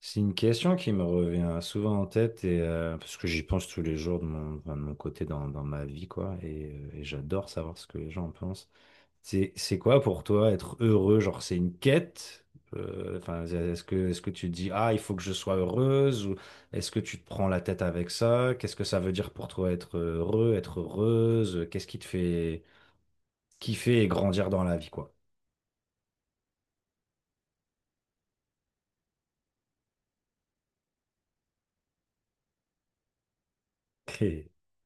C'est une question qui me revient souvent en tête et parce que j'y pense tous les jours de mon, enfin de mon côté dans ma vie quoi et et j'adore savoir ce que les gens en pensent. C'est quoi pour toi être heureux? Genre, c'est une quête? Enfin est-ce que tu te dis, ah il faut que je sois heureuse, ou est-ce que tu te prends la tête avec ça? Qu'est-ce que ça veut dire pour toi être heureux, être heureuse? Qu'est-ce qui te fait kiffer et grandir dans la vie quoi?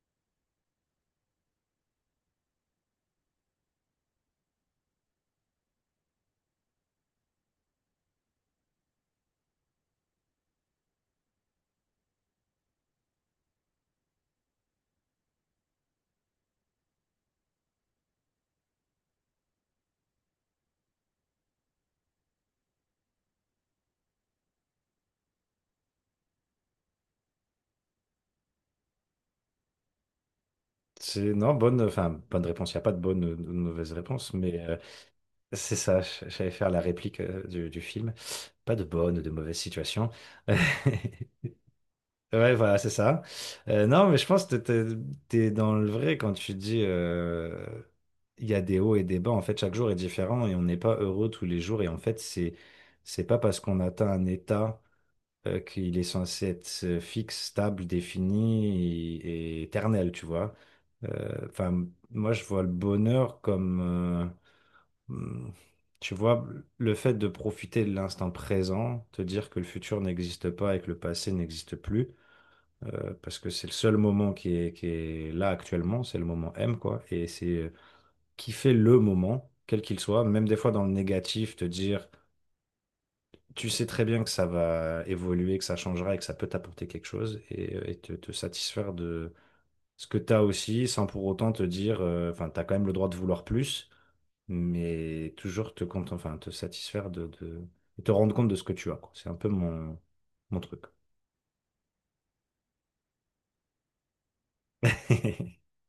C'est non bonne enfin bonne réponse. Il n'y a pas de bonne ou de mauvaise réponse mais c'est ça, j'allais faire la réplique du film. Pas de bonne ou de mauvaise situation. Ouais, voilà, c'est ça. Non, mais je pense que t'es dans le vrai quand tu dis il y a des hauts et des bas. En fait, chaque jour est différent et on n'est pas heureux tous les jours. Et en fait, c'est pas parce qu'on atteint un état qu'il est censé être fixe, stable, défini et éternel, tu vois. Enfin, moi, je vois le bonheur comme. Hmm. Tu vois, le fait de profiter de l'instant présent, te dire que le futur n'existe pas et que le passé n'existe plus, parce que c'est le seul moment qui est là actuellement, c'est le moment M, quoi, et c'est kiffer le moment, quel qu'il soit, même des fois dans le négatif, te dire, tu sais très bien que ça va évoluer, que ça changera et que ça peut t'apporter quelque chose, et te satisfaire de ce que tu as aussi, sans pour autant te dire, enfin, tu as quand même le droit de vouloir plus, mais toujours te satisfaire de te rendre compte de ce que tu as, quoi. C'est un peu mon truc.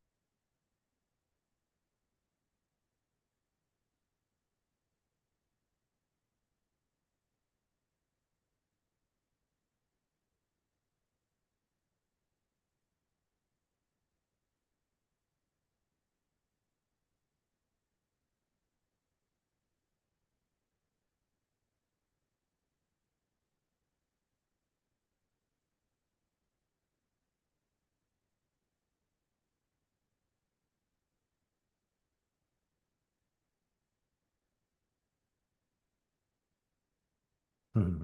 Hmm.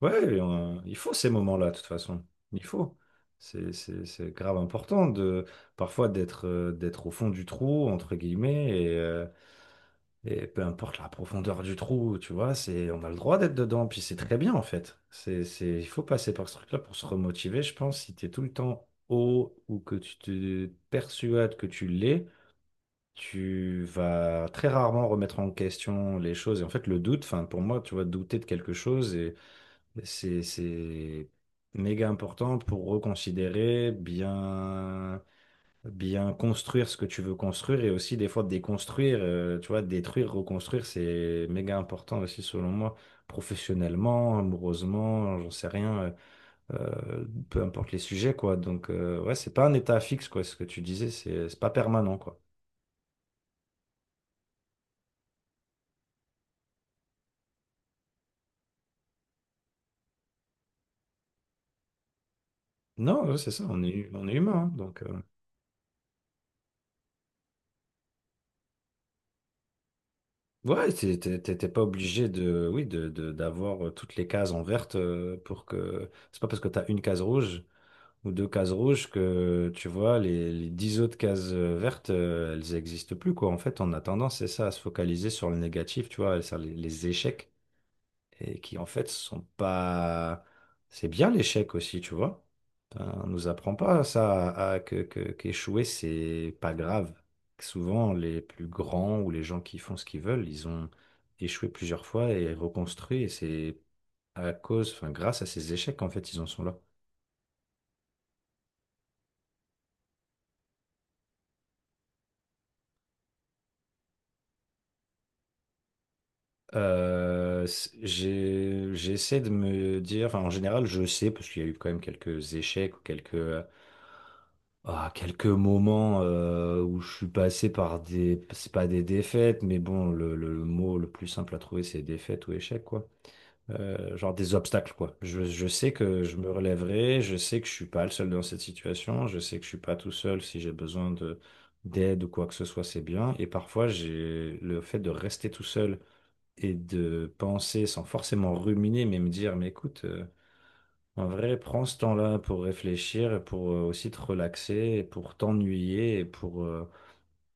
Ouais, il faut ces moments-là, de toute façon. Il faut. C'est grave important de parfois d'être au fond du trou, entre guillemets, et et peu importe la profondeur du trou, tu vois, c'est on a le droit d'être dedans, puis c'est très bien en fait. Il faut passer par ce truc-là pour se remotiver, je pense, si tu es tout le temps haut ou que tu te persuades que tu l'es. Tu vas très rarement remettre en question les choses. Et en fait, le doute, enfin, pour moi, tu vois, douter de quelque chose, et c'est méga important pour reconsidérer, bien construire ce que tu veux construire et aussi des fois déconstruire, tu vois, détruire, reconstruire, c'est méga important aussi selon moi, professionnellement, amoureusement, j'en sais rien, euh, peu importe les sujets, quoi. Donc, ouais, c'est pas un état fixe, quoi, ce que tu disais, c'est pas permanent, quoi. Non, ouais, c'est ça, on est humain, hein, donc, ouais, t'es pas obligé de, oui, de- d'avoir toutes les cases en verte pour que. C'est pas parce que t'as une case rouge ou deux cases rouges que, tu vois, les dix autres cases vertes, elles existent plus, quoi. En fait, on a tendance, c'est ça, à se focaliser sur le négatif, tu vois, sur les échecs, et qui en fait sont pas... C'est bien l'échec aussi, tu vois. Ben, on nous apprend pas ça, qu'échouer, c'est pas grave. Souvent, les plus grands ou les gens qui font ce qu'ils veulent, ils ont échoué plusieurs fois et reconstruit, et c'est à cause, enfin grâce à ces échecs qu'en fait ils en sont là. J'essaie de me dire, enfin en général je sais, parce qu'il y a eu quand même quelques échecs ou quelques, ah, quelques moments où je suis passé par des... C'est pas des défaites, mais bon, le mot le plus simple à trouver, c'est défaite ou échec, quoi. Genre des obstacles, quoi. Je sais que je me relèverai, je sais que je suis pas le seul dans cette situation, je sais que je suis pas tout seul si j'ai besoin de d'aide ou quoi que ce soit, c'est bien. Et parfois, j'ai le fait de rester tout seul et de penser sans forcément ruminer, mais me dire, mais écoute... en vrai, prends ce temps-là pour réfléchir et pour aussi te relaxer et pour t'ennuyer et pour, euh,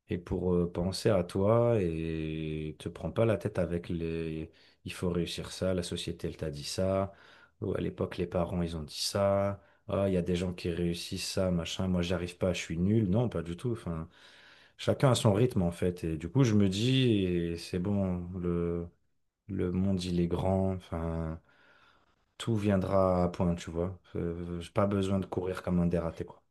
et pour euh, penser à toi et te prends pas la tête avec les, il faut réussir ça, la société elle t'a dit ça, ou à l'époque les parents ils ont dit ça, ah il y a des gens qui réussissent ça, machin, moi j'arrive pas, je suis nul. Non, pas du tout. Enfin, chacun a son rythme en fait. Et du coup, je me dis, et c'est bon, le monde il est grand, enfin tout viendra à point, tu vois. J'ai pas besoin de courir comme un dératé, quoi.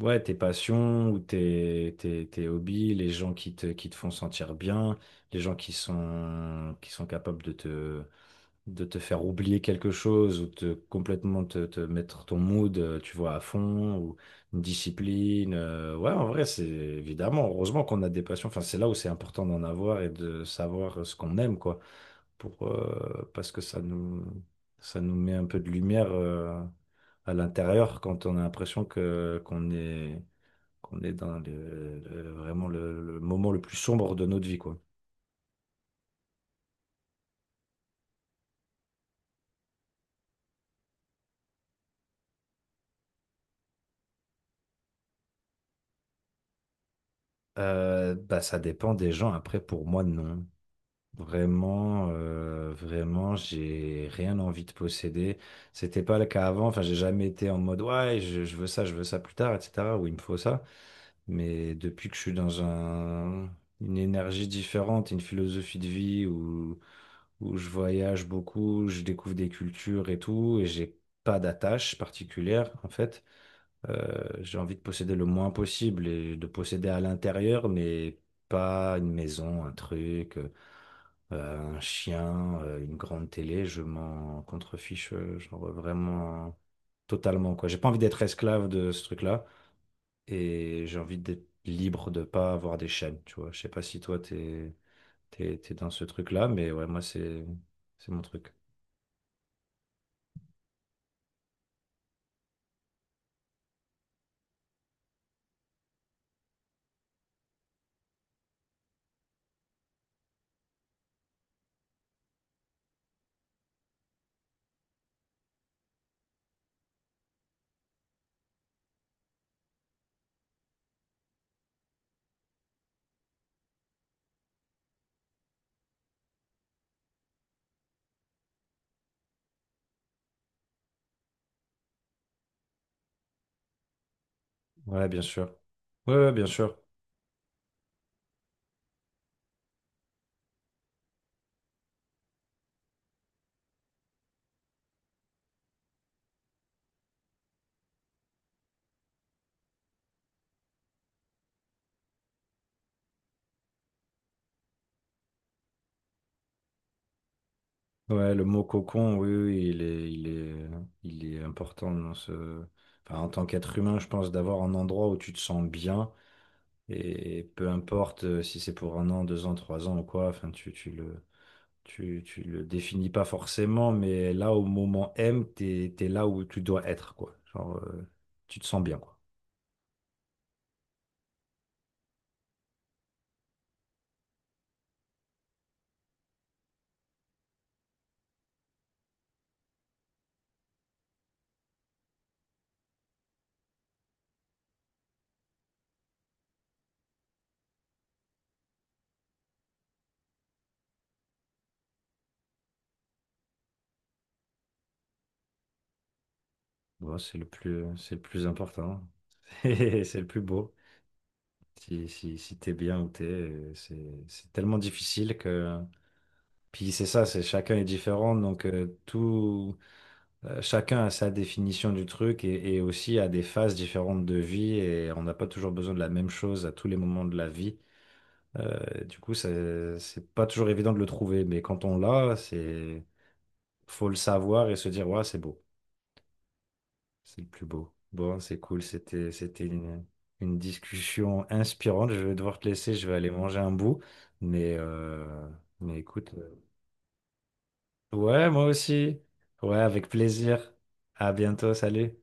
Ouais, tes passions ou tes hobbies, les gens qui te font sentir bien, les gens qui sont capables de te faire oublier quelque chose ou te complètement te mettre ton mood, tu vois, à fond, ou une discipline. Ouais, en vrai, c'est évidemment, heureusement qu'on a des passions. Enfin, c'est là où c'est important d'en avoir et de savoir ce qu'on aime, quoi, pour, parce que ça nous met un peu de lumière à l'intérieur quand on a l'impression qu'on est dans vraiment le moment le plus sombre de notre vie, quoi. Bah, ça dépend des gens. Après, pour moi, non. Vraiment, vraiment, j'ai rien envie de posséder. C'était pas le cas avant. Enfin, j'ai jamais été en mode, ouais, je veux ça plus tard, etc. Ou il me faut ça. Mais depuis que je suis dans une énergie différente, une philosophie de vie où je voyage beaucoup, je découvre des cultures et tout, et j'ai pas d'attache particulière, en fait, j'ai envie de posséder le moins possible et de posséder à l'intérieur, mais pas une maison, un truc, un chien, une grande télé, je m'en contrefiche, genre vraiment totalement, quoi. J'ai pas envie d'être esclave de ce truc-là et j'ai envie d'être libre de pas avoir des chaînes, tu vois. Je sais pas si toi t'es dans ce truc-là, mais ouais, moi c'est mon truc. Ouais, bien sûr. Ouais, ouais, bien sûr. Ouais, le mot cocon, oui, oui, il est important dans ce, enfin, en tant qu'être humain, je pense d'avoir un endroit où tu te sens bien et peu importe si c'est pour un an, deux ans, trois ans ou quoi, enfin tu tu le définis pas forcément, mais là, au moment M, t'es là où tu dois être, quoi. Genre, tu te sens bien, quoi. Bon, c'est le plus important. Et c'est le plus beau. Si, si, si t'es bien où t'es, c'est tellement difficile que... Puis c'est ça, c'est chacun est différent, donc tout, chacun a sa définition du truc et aussi a des phases différentes de vie et on n'a pas toujours besoin de la même chose à tous les moments de la vie. Du coup, c'est pas toujours évident de le trouver, mais quand on l'a, c'est faut le savoir et se dire, ouais, c'est beau, c'est le plus beau. Bon, c'est cool, c'était une discussion inspirante. Je vais devoir te laisser, je vais aller manger un bout, mais écoute, ouais, moi aussi, ouais, avec plaisir. À bientôt, salut.